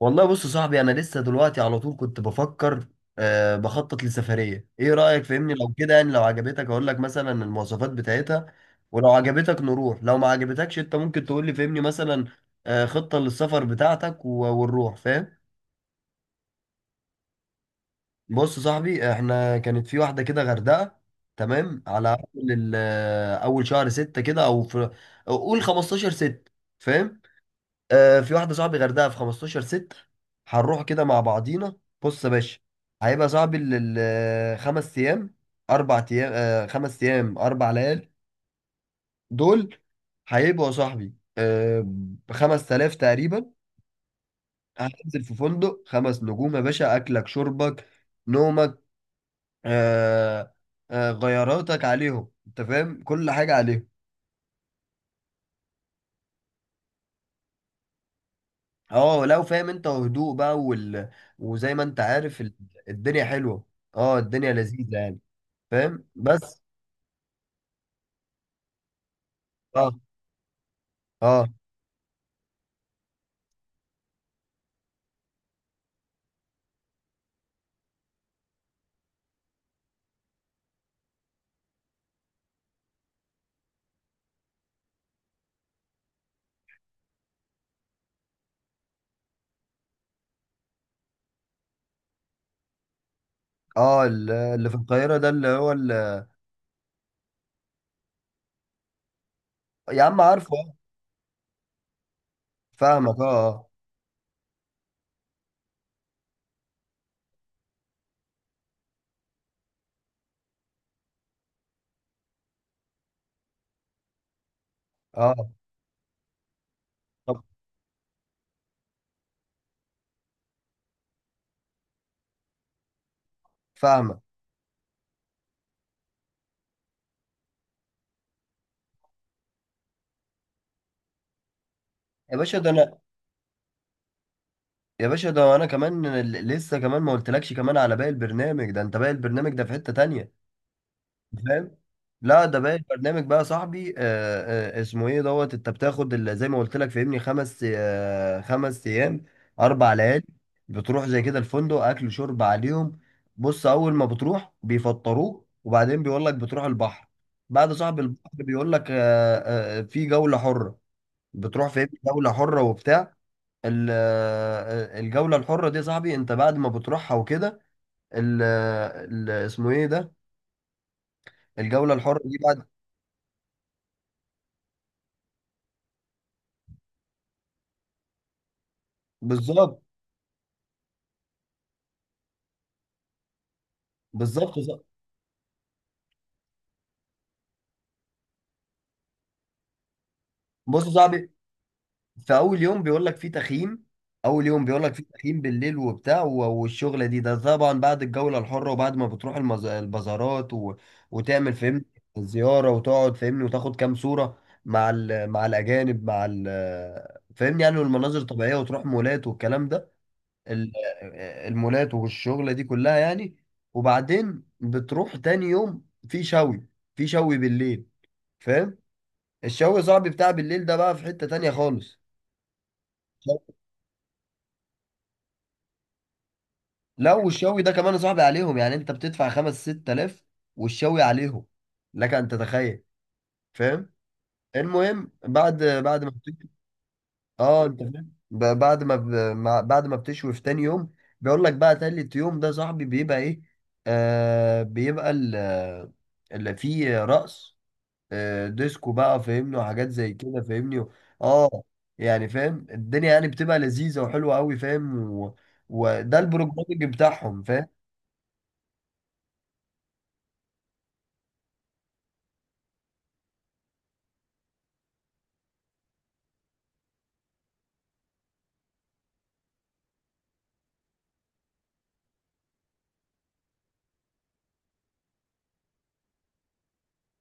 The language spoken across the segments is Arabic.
والله، بص يا صاحبي، انا لسه دلوقتي على طول كنت بفكر بخطط لسفريه. ايه رايك؟ فهمني، لو كده يعني، لو عجبتك اقول لك مثلا المواصفات بتاعتها، ولو عجبتك نروح، لو ما عجبتكش انت ممكن تقول لي، فهمني مثلا خطه للسفر بتاعتك و- ونروح. فاهم؟ بص يا صاحبي، احنا كانت في واحده كده غردقه. تمام، على اول اول شهر ستة كده او في، قول 15 ستة. فاهم؟ في واحدة صاحبي غردقة في 15 6، هنروح كده مع بعضينا. بص يا باشا، هيبقى صاحبي الخمس أيام أربع أيام، 5 أيام 4 ليال دول. هيبقوا يا صاحبي ب5 تلاف تقريبا. هتنزل في فندق 5 نجوم يا باشا، أكلك شربك نومك، آه، غياراتك عليهم. أنت فاهم؟ كل حاجة عليهم. اه، لو فاهم انت، وهدوء بقى وزي ما انت عارف الدنيا حلوة. اه الدنيا لذيذة يعني. فاهم؟ بس. اه اه اه، اللي في القاهرة ده، اللي هو يا عم، عارفه. آه. فاهمك، اه اه اه. طب فاهمك. يا باشا ده انا يا باشا ده انا كمان، لسه كمان ما قلتلكش كمان على باقي البرنامج ده. انت، باقي البرنامج ده في حتة تانية. فاهم؟ لا، ده باقي البرنامج بقى يا صاحبي. اسمه ايه دوت. انت بتاخد زي ما قلت لك فاهمني، خمس، 5 ايام، 4 ليالي. بتروح زي كده الفندق، اكل شرب عليهم. بص، اول ما بتروح بيفطروك، وبعدين بيقول لك بتروح البحر. بعد صاحب البحر بيقول لك، في جولة حرة. بتروح فاهمني جولة حرة وبتاع الجولة الحرة دي يا صاحبي، انت بعد ما بتروحها وكده ال- آه، ال- اسمه ايه ده الجولة الحرة دي. بالظبط. بالظبط يا صاحبي. بص يا صاحبي، في اول يوم بيقول لك في تخييم اول يوم بيقول لك في تخييم بالليل وبتاع و- والشغله دي. ده طبعا بعد الجوله الحره، وبعد ما بتروح البازارات وتعمل فهمني زياره، وتقعد فهمني وتاخد كام صوره مع مع الاجانب مع فهمني يعني، والمناظر الطبيعيه، وتروح مولات والكلام ده، ال... المولات والشغله دي كلها يعني. وبعدين بتروح تاني يوم في شوي، في شوي بالليل. فاهم؟ الشوي صاحبي بتاع بالليل ده بقى في حتة تانية خالص. لو الشوي ده كمان يا صاحبي عليهم، يعني انت بتدفع 5 6 آلاف، والشوي عليهم. لك ان تتخيل. فاهم؟ المهم، بعد ما اه، انت فاهم، بعد ما بعد ما بتشوي في تاني يوم، بيقول لك بقى تالت يوم ده يا صاحبي بيبقى ايه؟ بيبقى اللي فيه رأس، ديسكو بقى فاهمني، وحاجات زي كده فاهمني. اه، يعني فاهم، الدنيا يعني بتبقى لذيذة وحلوة قوي، فاهم؟ و... وده البروجرامنج بتاعهم. فاهم؟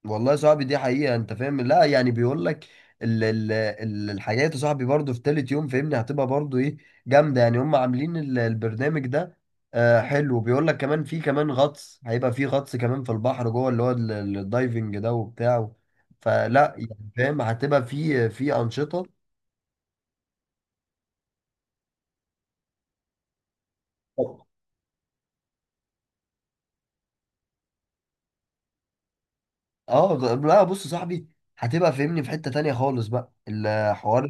والله يا صاحبي، دي حقيقة، انت فاهم. لا يعني، بيقول لك الحاجات يا صاحبي برضه في تالت يوم فاهمني، هتبقى برضه ايه؟ جامدة يعني، هم عاملين البرنامج ده. حلو. بيقول لك كمان في كمان غطس، هيبقى في غطس كمان في البحر جوه، اللي هو الدايفنج ده وبتاع. فلا يعني فاهم، هتبقى في أنشطة. اه، لا، بص يا صاحبي، هتبقى فاهمني في حتة تانية خالص بقى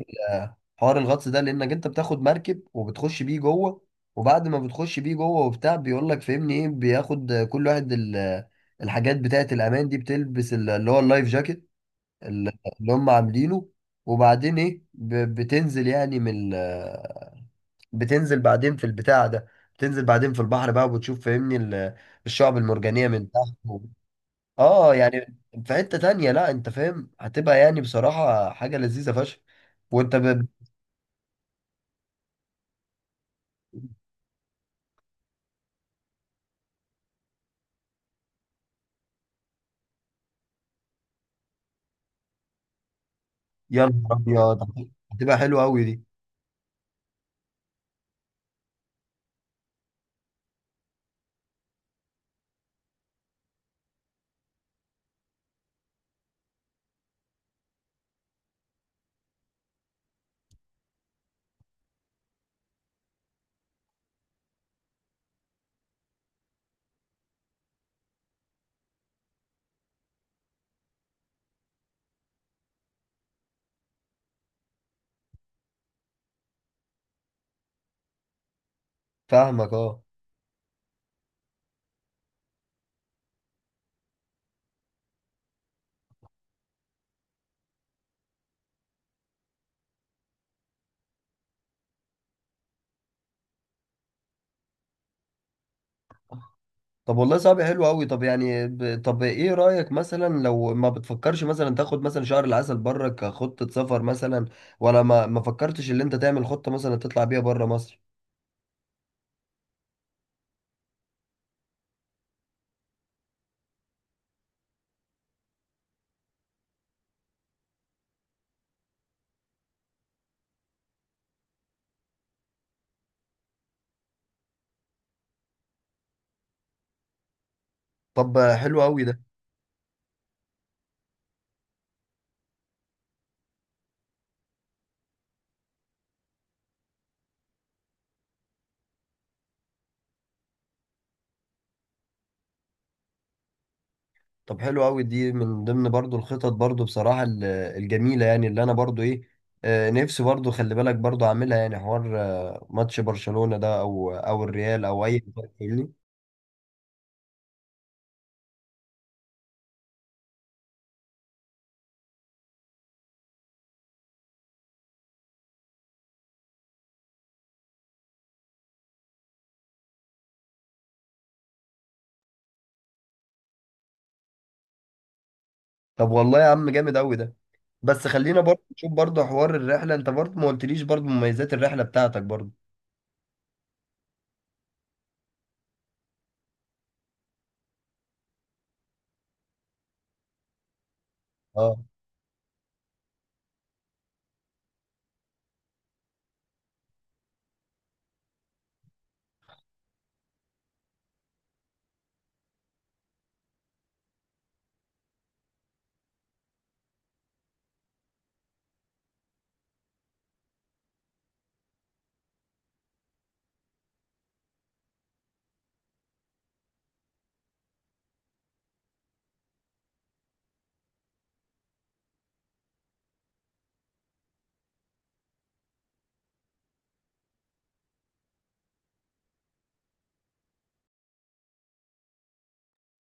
حوار الغطس ده، لانك انت بتاخد مركب وبتخش بيه جوه، وبعد ما بتخش بيه جوه وبتاع بيقول لك فاهمني ايه، بياخد كل واحد الحاجات بتاعة الامان دي، بتلبس اللي هو اللايف جاكيت ال- اللي هم عاملينه، وبعدين ايه، بتنزل يعني من بتنزل بعدين في البتاع ده، بتنزل بعدين في البحر بقى، وبتشوف فاهمني الشعب المرجانية من تحت. اه، يعني في حتة تانية، لا انت فاهم، هتبقى يعني بصراحة حاجة لذيذة فشخ، وانت ب... يا نهار ابيض، هتبقى حلوة قوي دي. فاهمك، اه. طب والله، صعب حلو قوي. طب، يعني طب ايه رأيك مثلا، لو ما بتفكرش مثلا تاخد مثلا شهر العسل بره كخطة سفر مثلا، ولا ما فكرتش ان انت تعمل خطة مثلا تطلع بيها بره مصر؟ طب حلو قوي ده طب حلو قوي دي من ضمن برضو الخطط برضو بصراحة الجميلة يعني، اللي انا برضو ايه، نفسي برضو خلي بالك برضو اعملها، يعني حوار ماتش برشلونة ده، او الريال او اي حاجة فاهمني. طب والله يا عم، جامد قوي ده. بس خلينا برضو نشوف برضو حوار الرحلة. انت برضو ما قلتليش برضو مميزات الرحلة بتاعتك برضو. اه.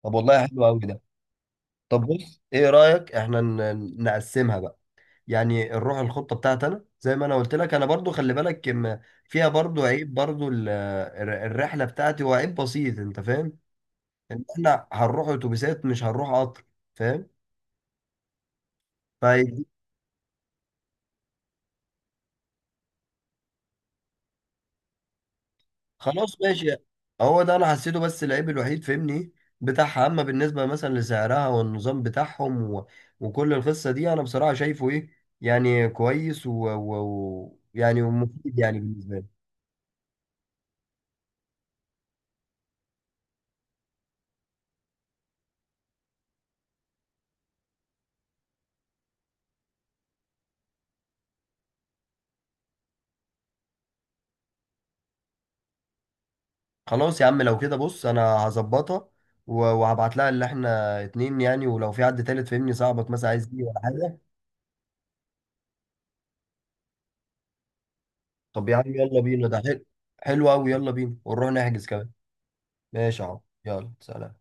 طب والله، حلو قوي ده. طب بص، ايه رأيك احنا نقسمها بقى؟ يعني الروح الخطه بتاعتي انا زي ما انا قلت لك، انا برضو خلي بالك فيها برضو عيب، برضو الرحله بتاعتي، هو عيب بسيط انت فاهم، ان احنا هنروح اتوبيسات، مش هنروح قطر. فاهم؟ فهي- خلاص ماشي. هو ده انا حسيته، بس العيب الوحيد فاهمني إيه؟ بتاعها، اما بالنسبه مثلا لسعرها والنظام بتاعهم و... وكل القصه دي، انا بصراحه شايفه ايه، يعني كويس، ويعني يعني، ومفيد يعني بالنسبه لي. خلاص يا عم، لو كده بص، انا هظبطها و- وهبعت لها اللي احنا اتنين يعني، ولو في حد تالت فهمني، صاحبك مثلا عايز يجي ولا حاجه. طب يا عم يلا بينا، ده حلو. حلو قوي، يلا بينا ونروح نحجز كمان. ماشي اهو، يلا سلام.